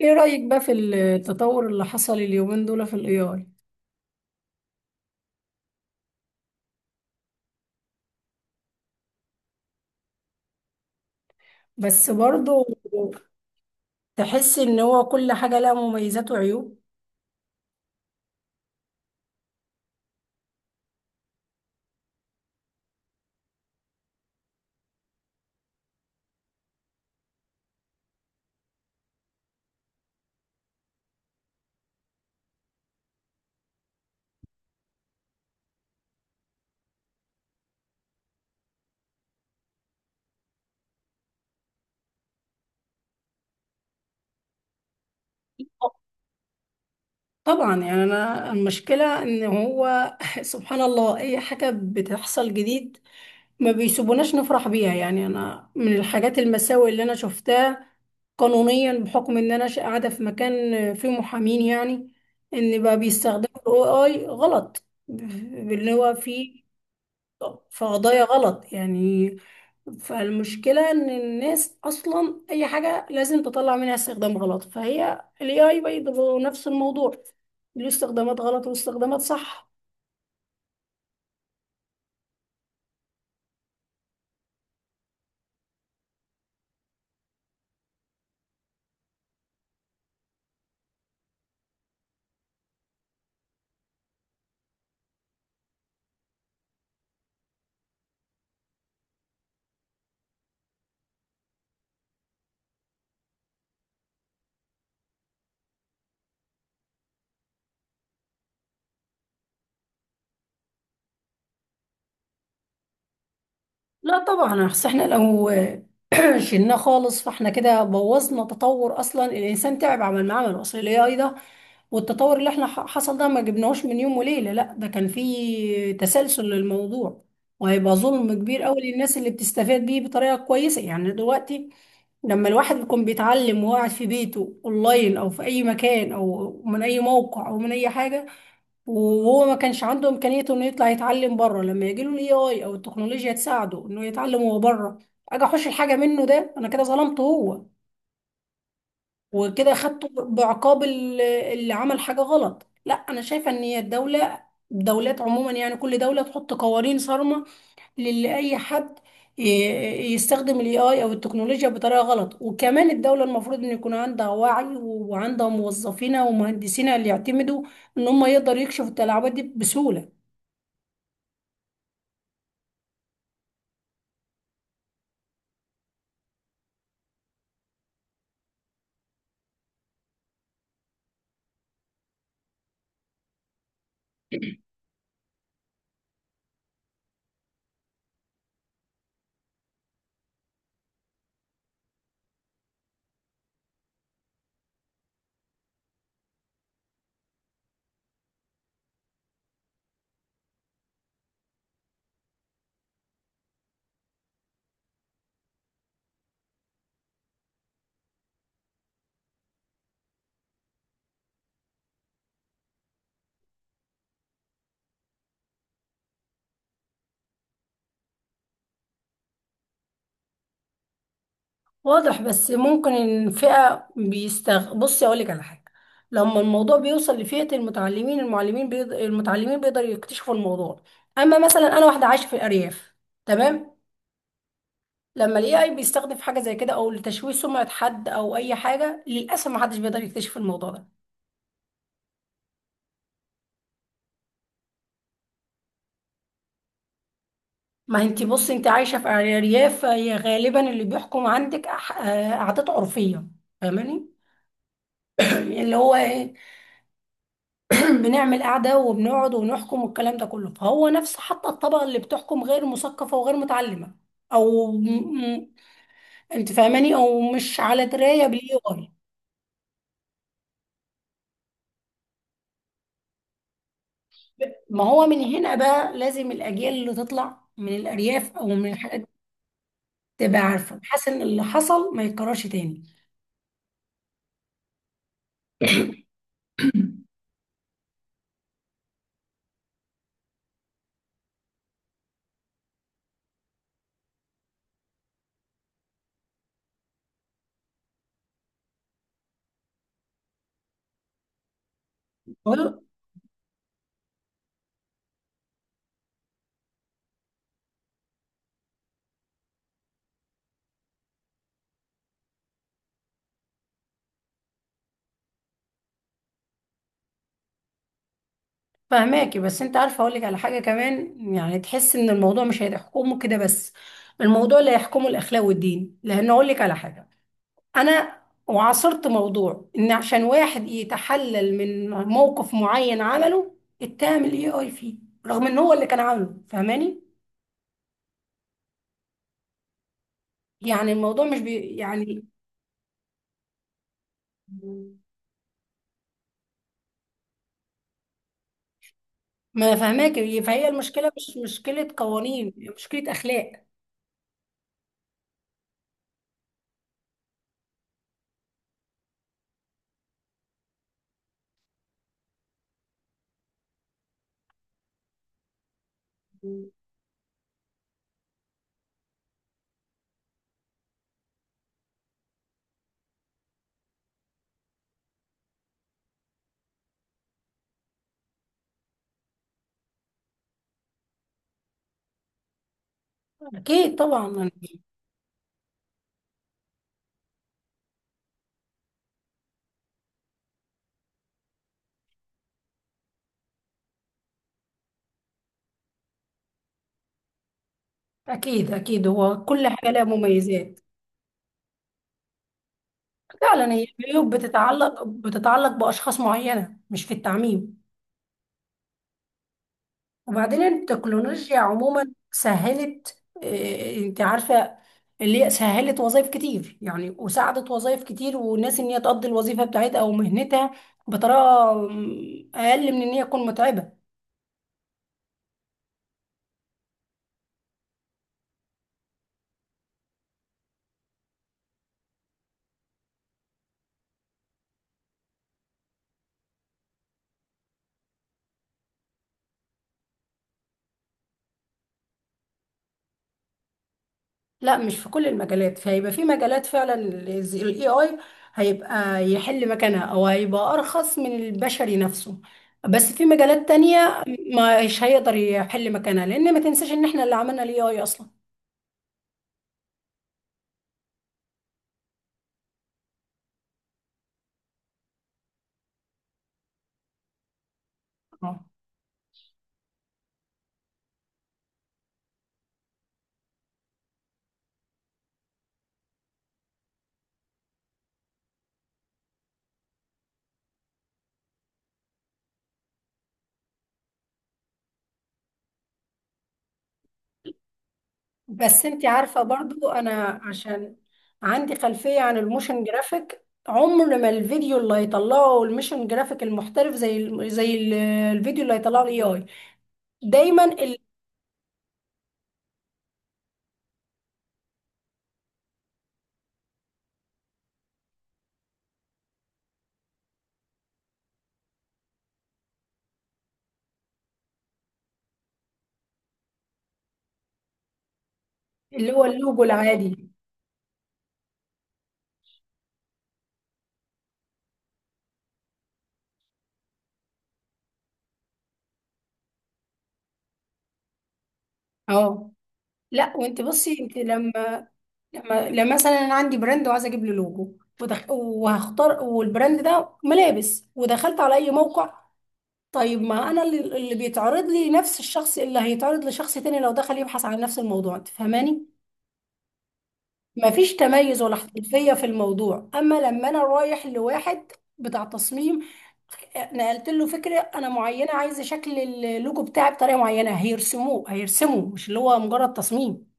ايه رأيك بقى في التطور اللي حصل اليومين دول في الاي اي؟ بس برضه. تحس ان هو كل حاجة لها مميزات وعيوب. طبعا، يعني انا المشكلة ان هو سبحان الله، اي حاجة بتحصل جديد ما بيسيبوناش نفرح بيها. يعني انا من الحاجات المساوئ اللي انا شفتها قانونيا، بحكم ان انا قاعدة في مكان فيه محامين، يعني ان بقى بيستخدموا الاي اي غلط اللي هو فيه في قضايا غلط يعني. فالمشكلة ان الناس اصلا اي حاجة لازم تطلع منها استخدام غلط، فهي ال AI برضه نفس الموضوع، له استخدامات غلط واستخدامات صح. لا طبعا، اصل احنا لو شلناه خالص، فاحنا كده بوظنا تطور، اصلا الانسان تعب عمل معاه عمل اصل الاي اي ده. والتطور اللي احنا حصل ده ما جبناهوش من يوم وليله، لا ده كان فيه تسلسل للموضوع. وهيبقى ظلم كبير قوي للناس اللي بتستفاد بيه بطريقه كويسه. يعني دلوقتي لما الواحد بيكون بيتعلم وقاعد في بيته اونلاين او في اي مكان او من اي موقع او من اي حاجه، وهو ما كانش عنده امكانيه انه يطلع يتعلم بره، لما يجي له الاي اي او التكنولوجيا تساعده انه يتعلم هو بره، اجي احوش الحاجه منه؟ ده انا كده ظلمته هو. وكده خدته بعقاب اللي عمل حاجه غلط. لا انا شايفه ان هي الدوله، الدولات عموما، يعني كل دوله تحط قوانين صارمه للي اي حد ي- يستخدم الاي اي او التكنولوجيا بطريقه غلط. وكمان الدوله المفروض ان يكون عندها وعي وعندها موظفينها ومهندسينها اللي يعتمدوا ان هم يقدروا يكشفوا التلاعبات دي بسهوله. واضح، بس ممكن الفئة بيستغ بصي أقولك على حاجة. لما الموضوع بيوصل لفئة المتعلمين بيقدروا يكتشفوا الموضوع. أما مثلا أنا واحدة عايشة في الأرياف، تمام. لما ال AI بيستخدم في حاجة زي كده أو لتشويه سمعة حد أو أي حاجة، للأسف محدش بيقدر يكتشف الموضوع ده. ما انتي بصي، انت عايشة في أرياف، فهي غالبا اللي بيحكم عندك عادات عرفية، فاهماني؟ اللي هو إيه؟ بنعمل قعدة وبنقعد ونحكم والكلام ده كله، فهو نفس حتى الطبقة اللي بتحكم غير مثقفة وغير متعلمة أو أنت فاهماني أو مش على دراية بالاي اي. ما هو من هنا بقى لازم الأجيال اللي تطلع من الأرياف أو من الحاجات دي تبقى عارفة بحيث إن اللي حصل ما يتكررش تاني. بقول- فهماكي، بس انت عارفه اقول لك على حاجه كمان، يعني تحس ان الموضوع مش هيحكمه كده بس، الموضوع اللي هيحكمه الاخلاق والدين، لان اقول لك على حاجه، انا وعاصرت موضوع ان عشان واحد يتحلل من موقف معين عمله اتهم الاي اي فيه رغم ان هو اللي كان عامله، فاهماني؟ يعني الموضوع مش يعني. ما فاهماك، فهي المشكله مش مشكله قوانين، هي مشكله اخلاق. اكيد طبعا. اكيد اكيد هو كل حاجه لها مميزات. فعلا، هي العيوب بتتعلق باشخاص معينه مش في التعميم. وبعدين التكنولوجيا عموما سهلت، انت عارفة اللي هي سهلت وظائف كتير، يعني وساعدت وظائف كتير وناس ان هي تقضي الوظيفة بتاعتها او مهنتها بطريقة اقل من ان هي تكون متعبة. لا مش في كل المجالات، فهيبقى في مجالات فعلا الاي اي هيبقى يحل مكانها او هيبقى ارخص من البشري نفسه، بس في مجالات تانية مش هيقدر يحل مكانها، لان ما تنساش ان احنا اللي عملنا الاي اي اصلا. بس انت عارفة برضو، انا عشان عندي خلفية عن الموشن جرافيك، عمر ما الفيديو اللي هيطلعه الموشن جرافيك المحترف زي الفيديو اللي هيطلعه الاي اي، دايما اللي هو اللوجو العادي. اه. لا وانت بصي، انت لما مثلا انا عندي براند وعايزه اجيب له لوجو وهختار، والبراند ده ملابس ودخلت على اي موقع. طيب، ما انا اللي بيتعرض لي نفس الشخص اللي هيتعرض لشخص تاني لو دخل يبحث عن نفس الموضوع، انت فاهماني؟ مفيش تميز ولا احترافية في الموضوع، اما لما انا رايح لواحد بتاع تصميم، نقلت له فكرة انا معينة، عايزة شكل اللوجو بتاعي بطريقة معينة، هيرسمه مش اللي هو مجرد تصميم.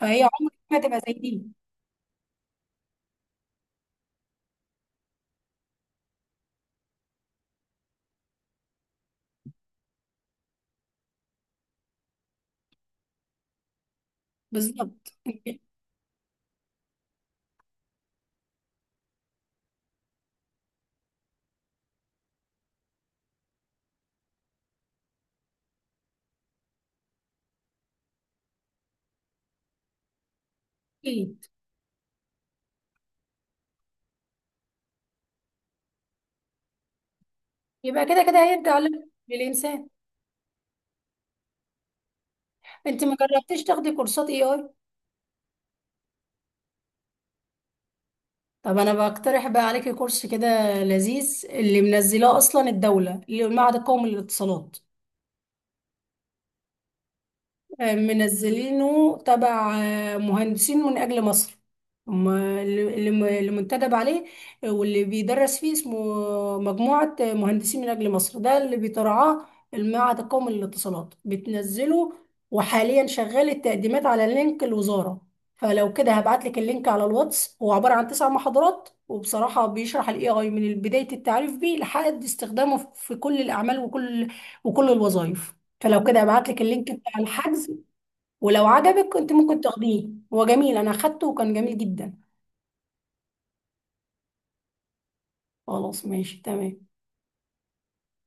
فهي عمرك ما تبقى زي دي. بالظبط أكيد. يبقى كده كده هيرجع للانسان. انت ما جربتيش تاخدي كورسات اي اي؟ طب انا بقترح بقى عليكي كورس كده لذيذ اللي منزلاه اصلا الدولة، اللي هو المعهد القومي للاتصالات. منزلينه تبع مهندسين من أجل مصر. هم اللي منتدب عليه. واللي بيدرس فيه اسمه مجموعة مهندسين من أجل مصر، ده اللي بيترعاه. المعهد القومي للاتصالات بتنزله، وحاليا شغال التقديمات على لينك الوزارة. فلو كده هبعت لك اللينك على الواتس، هو عبارة عن 9 محاضرات، وبصراحة بيشرح الاي اي من بداية التعريف بيه لحد استخدامه في كل الأعمال وكل الوظائف. فلو كده ابعت لك اللينك بتاع الحجز، ولو عجبك كنت ممكن تاخديه، هو جميل، انا اخدته وكان جميل جدا. خلاص ماشي تمام.